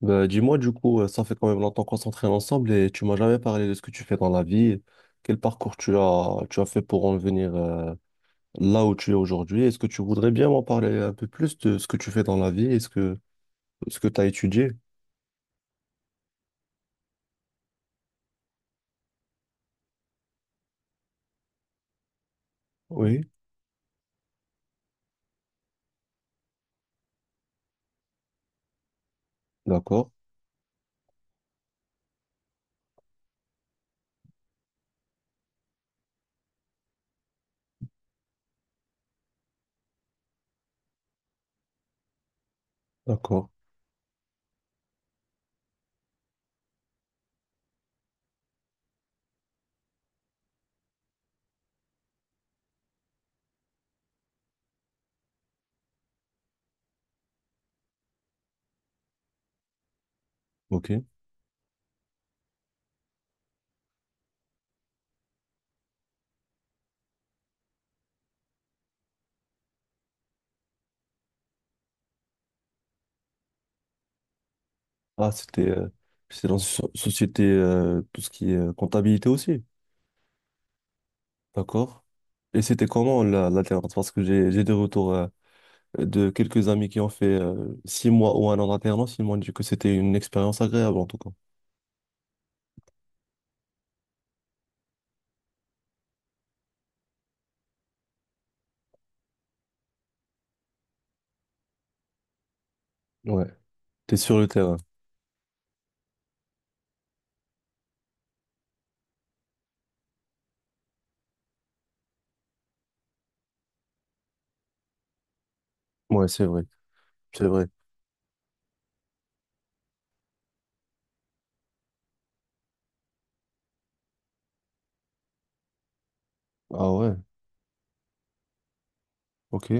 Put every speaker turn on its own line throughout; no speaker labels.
Bah, dis-moi, du coup, ça fait quand même longtemps qu'on s'entraîne ensemble et tu m'as jamais parlé de ce que tu fais dans la vie. Quel parcours tu as fait pour en venir là où tu es aujourd'hui? Est-ce que tu voudrais bien m'en parler un peu plus de ce que tu fais dans la vie? Est-ce que ce que tu as étudié? Oui, d'accord, d'accord, ok. Ah, c'était dans une société, tout ce qui est comptabilité aussi, d'accord. Et c'était comment la dernière. Parce que j'ai des retours, de quelques amis qui ont fait 6 mois ou 1 an d'alternance, ils m'ont dit que c'était une expérience agréable en tout cas. Ouais. T'es sur le terrain. Ouais, c'est vrai. C'est vrai. Ah ouais, ok.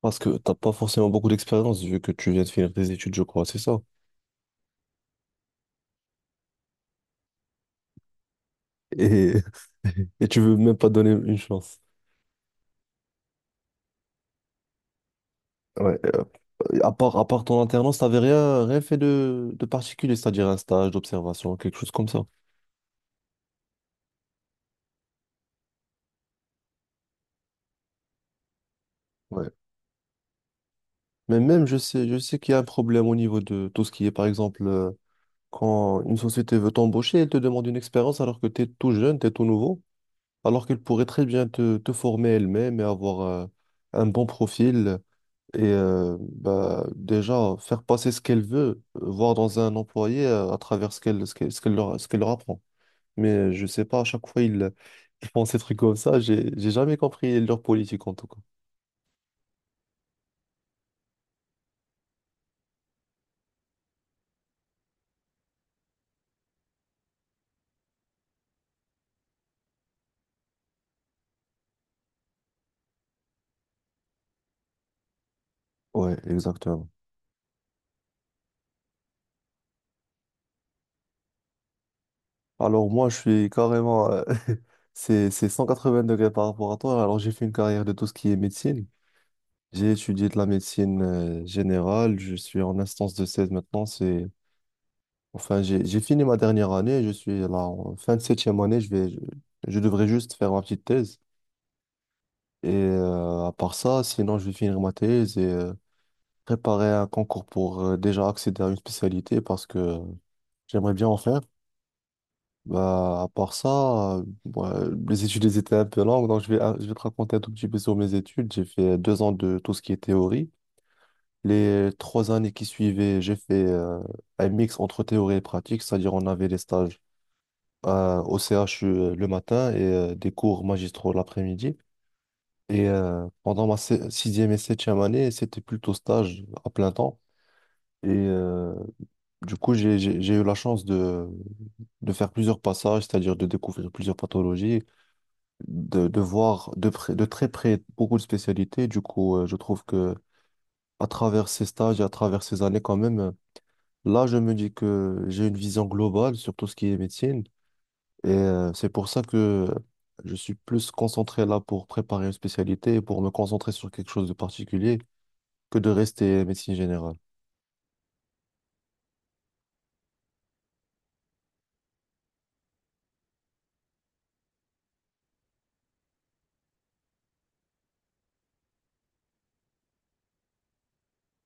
Parce que t'as pas forcément beaucoup d'expérience vu que tu viens de finir tes études, je crois, c'est ça. Et, et tu veux même pas donner une chance. Ouais. À part, à part ton alternance, t'avais rien, rien fait de particulier, c'est-à-dire un stage d'observation, quelque chose comme ça. Ouais. Mais même, je sais qu'il y a un problème au niveau de tout ce qui est, par exemple, quand une société veut t'embaucher, elle te demande une expérience alors que tu es tout jeune, tu es tout nouveau, alors qu'elle pourrait très bien te former elle-même et avoir un bon profil et bah, déjà faire passer ce qu'elle veut, voir dans un employé à travers ce qu'elle leur apprend. Mais je sais pas, à chaque fois ils, ils font ces trucs comme ça, j'ai jamais compris leur politique en tout cas. Ouais, exactement. Alors moi, je suis carrément c'est 180 degrés par rapport à toi, alors j'ai fait une carrière de tout ce qui est médecine. J'ai étudié de la médecine générale, je suis en instance de 16 maintenant, c'est enfin j'ai fini ma dernière année, je suis là en fin de septième année, je devrais juste faire ma petite thèse et à part ça, sinon je vais finir ma thèse et préparer un concours pour déjà accéder à une spécialité parce que j'aimerais bien en faire. Bah à part ça, ouais, les études elles étaient un peu longues, donc je vais te raconter un tout petit peu sur mes études. J'ai fait 2 ans de tout ce qui est théorie. Les 3 années qui suivaient, j'ai fait un mix entre théorie et pratique, c'est-à-dire on avait des stages au CHU le matin et des cours magistraux l'après-midi. Et pendant ma sixième et septième année, c'était plutôt stage à plein temps. Et du coup, j'ai eu la chance de faire plusieurs passages, c'est-à-dire de découvrir plusieurs pathologies, de voir de très près beaucoup de spécialités. Du coup, je trouve que à travers ces stages et à travers ces années, quand même, là, je me dis que j'ai une vision globale sur tout ce qui est médecine et c'est pour ça que je suis plus concentré là pour préparer une spécialité et pour me concentrer sur quelque chose de particulier que de rester médecine générale.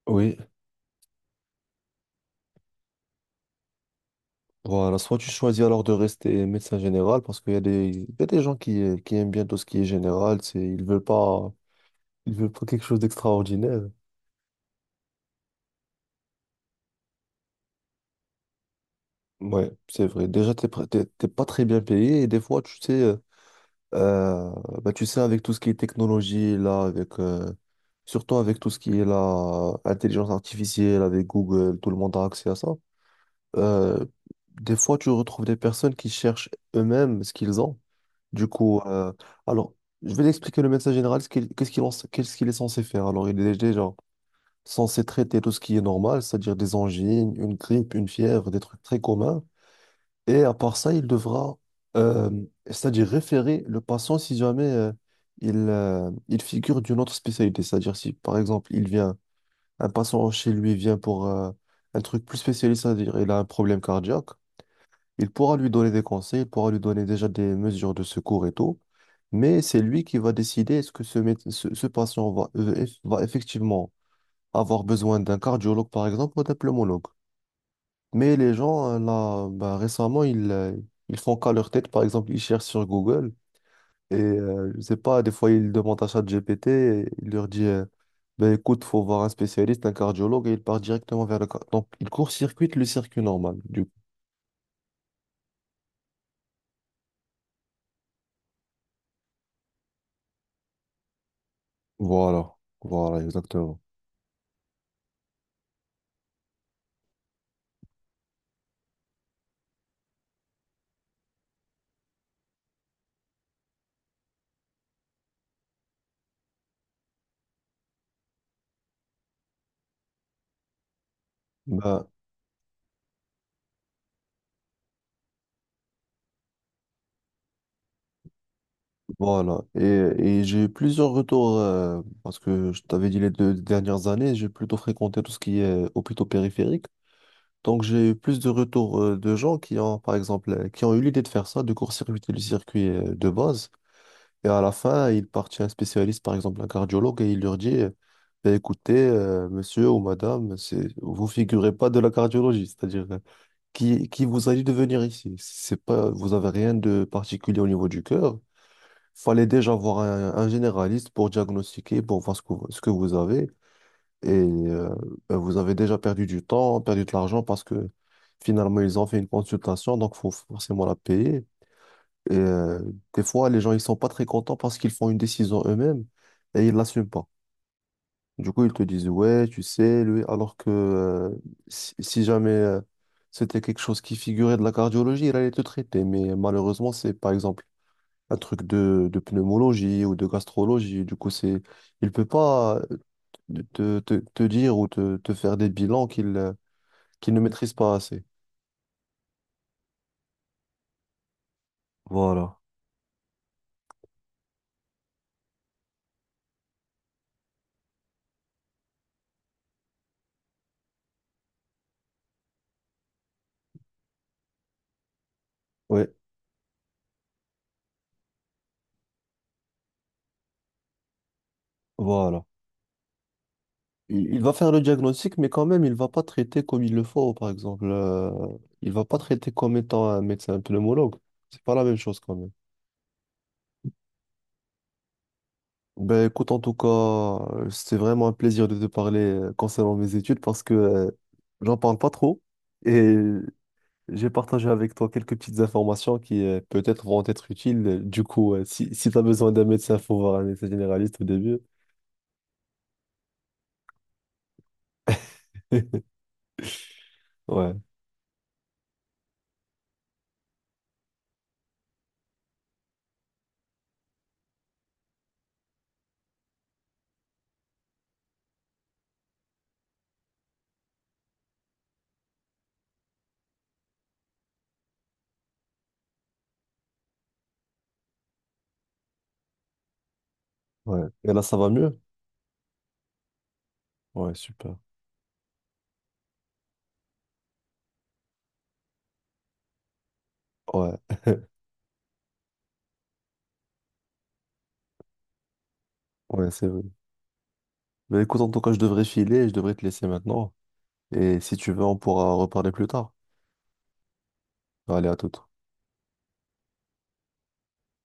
Oui, voilà. Soit tu choisis alors de rester médecin général parce qu'il y a des gens qui aiment bien tout ce qui est général, c'est, ils veulent pas quelque chose d'extraordinaire. Ouais, c'est vrai. Déjà, t'es, pr- t'es t'es pas très bien payé et des fois, tu sais. Euh, bah, tu sais, avec tout ce qui est technologie, là, avec, surtout avec tout ce qui est la intelligence artificielle, avec Google, tout le monde a accès à ça. Euh, des fois, tu retrouves des personnes qui cherchent eux-mêmes ce qu'ils ont. Du coup, alors, je vais t'expliquer le médecin général, ce qu'il- qu'est-ce qu'il en- qu'est-ce qu'il est censé faire. Alors, il est déjà censé traiter tout ce qui est normal, c'est-à-dire des angines, une grippe, une fièvre, des trucs très communs. Et à part ça, il devra, euh, c'est-à-dire référer le patient si jamais il figure d'une autre spécialité. C'est-à-dire si, par exemple, un patient chez lui vient pour un truc plus spécialiste, c'est-à-dire il a un problème cardiaque, il pourra lui donner des conseils, il pourra lui donner déjà des mesures de secours et tout, mais c'est lui qui va décider est-ce que ce patient va effectivement avoir besoin d'un cardiologue, par exemple, ou d'un pneumologue. Mais les gens, là, bah, récemment, ils font qu'à leur tête. Par exemple, ils cherchent sur Google et, je sais pas, des fois, ils demandent à ChatGPT et il leur dit, ben écoute, faut voir un spécialiste, un cardiologue, et il part directement vers Donc, il court-circuite le circuit normal, du coup. Voilà, voilà, exactement. Ben, voilà. Et j'ai eu plusieurs retours, parce que je t'avais dit les deux dernières années, j'ai plutôt fréquenté tout ce qui est hôpitaux périphériques. Donc j'ai eu plus de retours de gens qui ont, par exemple, qui ont eu l'idée de faire ça, de court-circuiter le circuit de base. Et à la fin, il part chez un spécialiste, par exemple un cardiologue, et il leur dit, ben, écoutez, monsieur ou madame, c'est, vous figurez pas de la cardiologie, c'est-à-dire qui vous a dit de venir ici. C'est pas, vous avez rien de particulier au niveau du cœur. Fallait déjà voir un généraliste pour diagnostiquer, pour voir ce que vous avez. Et ben, vous avez déjà perdu du temps, perdu de l'argent parce que finalement, ils ont fait une consultation, donc faut forcément la payer. Et des fois, les gens, ils sont pas très contents parce qu'ils font une décision eux-mêmes et ils l'assument pas. Du coup, ils te disent, ouais, tu sais, lui, alors que si jamais c'était quelque chose qui figurait de la cardiologie, il allait te traiter. Mais malheureusement, c'est par exemple un truc de pneumologie ou de gastrologie. Du coup, c'est, il peut pas te dire ou te faire des bilans qu'il qu'il ne maîtrise pas assez. Voilà. Ouais, voilà. Il va faire le diagnostic, mais quand même, il va pas traiter comme il le faut, par exemple. Il va pas traiter comme étant un médecin pneumologue. C'est pas la même chose quand même. Ben écoute, en tout cas, c'était vraiment un plaisir de te parler concernant mes études parce que j'en parle pas trop. Et j'ai partagé avec toi quelques petites informations qui peut-être vont être utiles. Du coup, si tu as besoin d'un médecin, faut voir un médecin généraliste au début. Ouais, ouais. Et là, ça va mieux? Ouais, super. Ouais, ouais, c'est vrai. Mais écoute, en tout cas, je devrais filer, je devrais te laisser maintenant. Et si tu veux, on pourra reparler plus tard. Allez, à toute.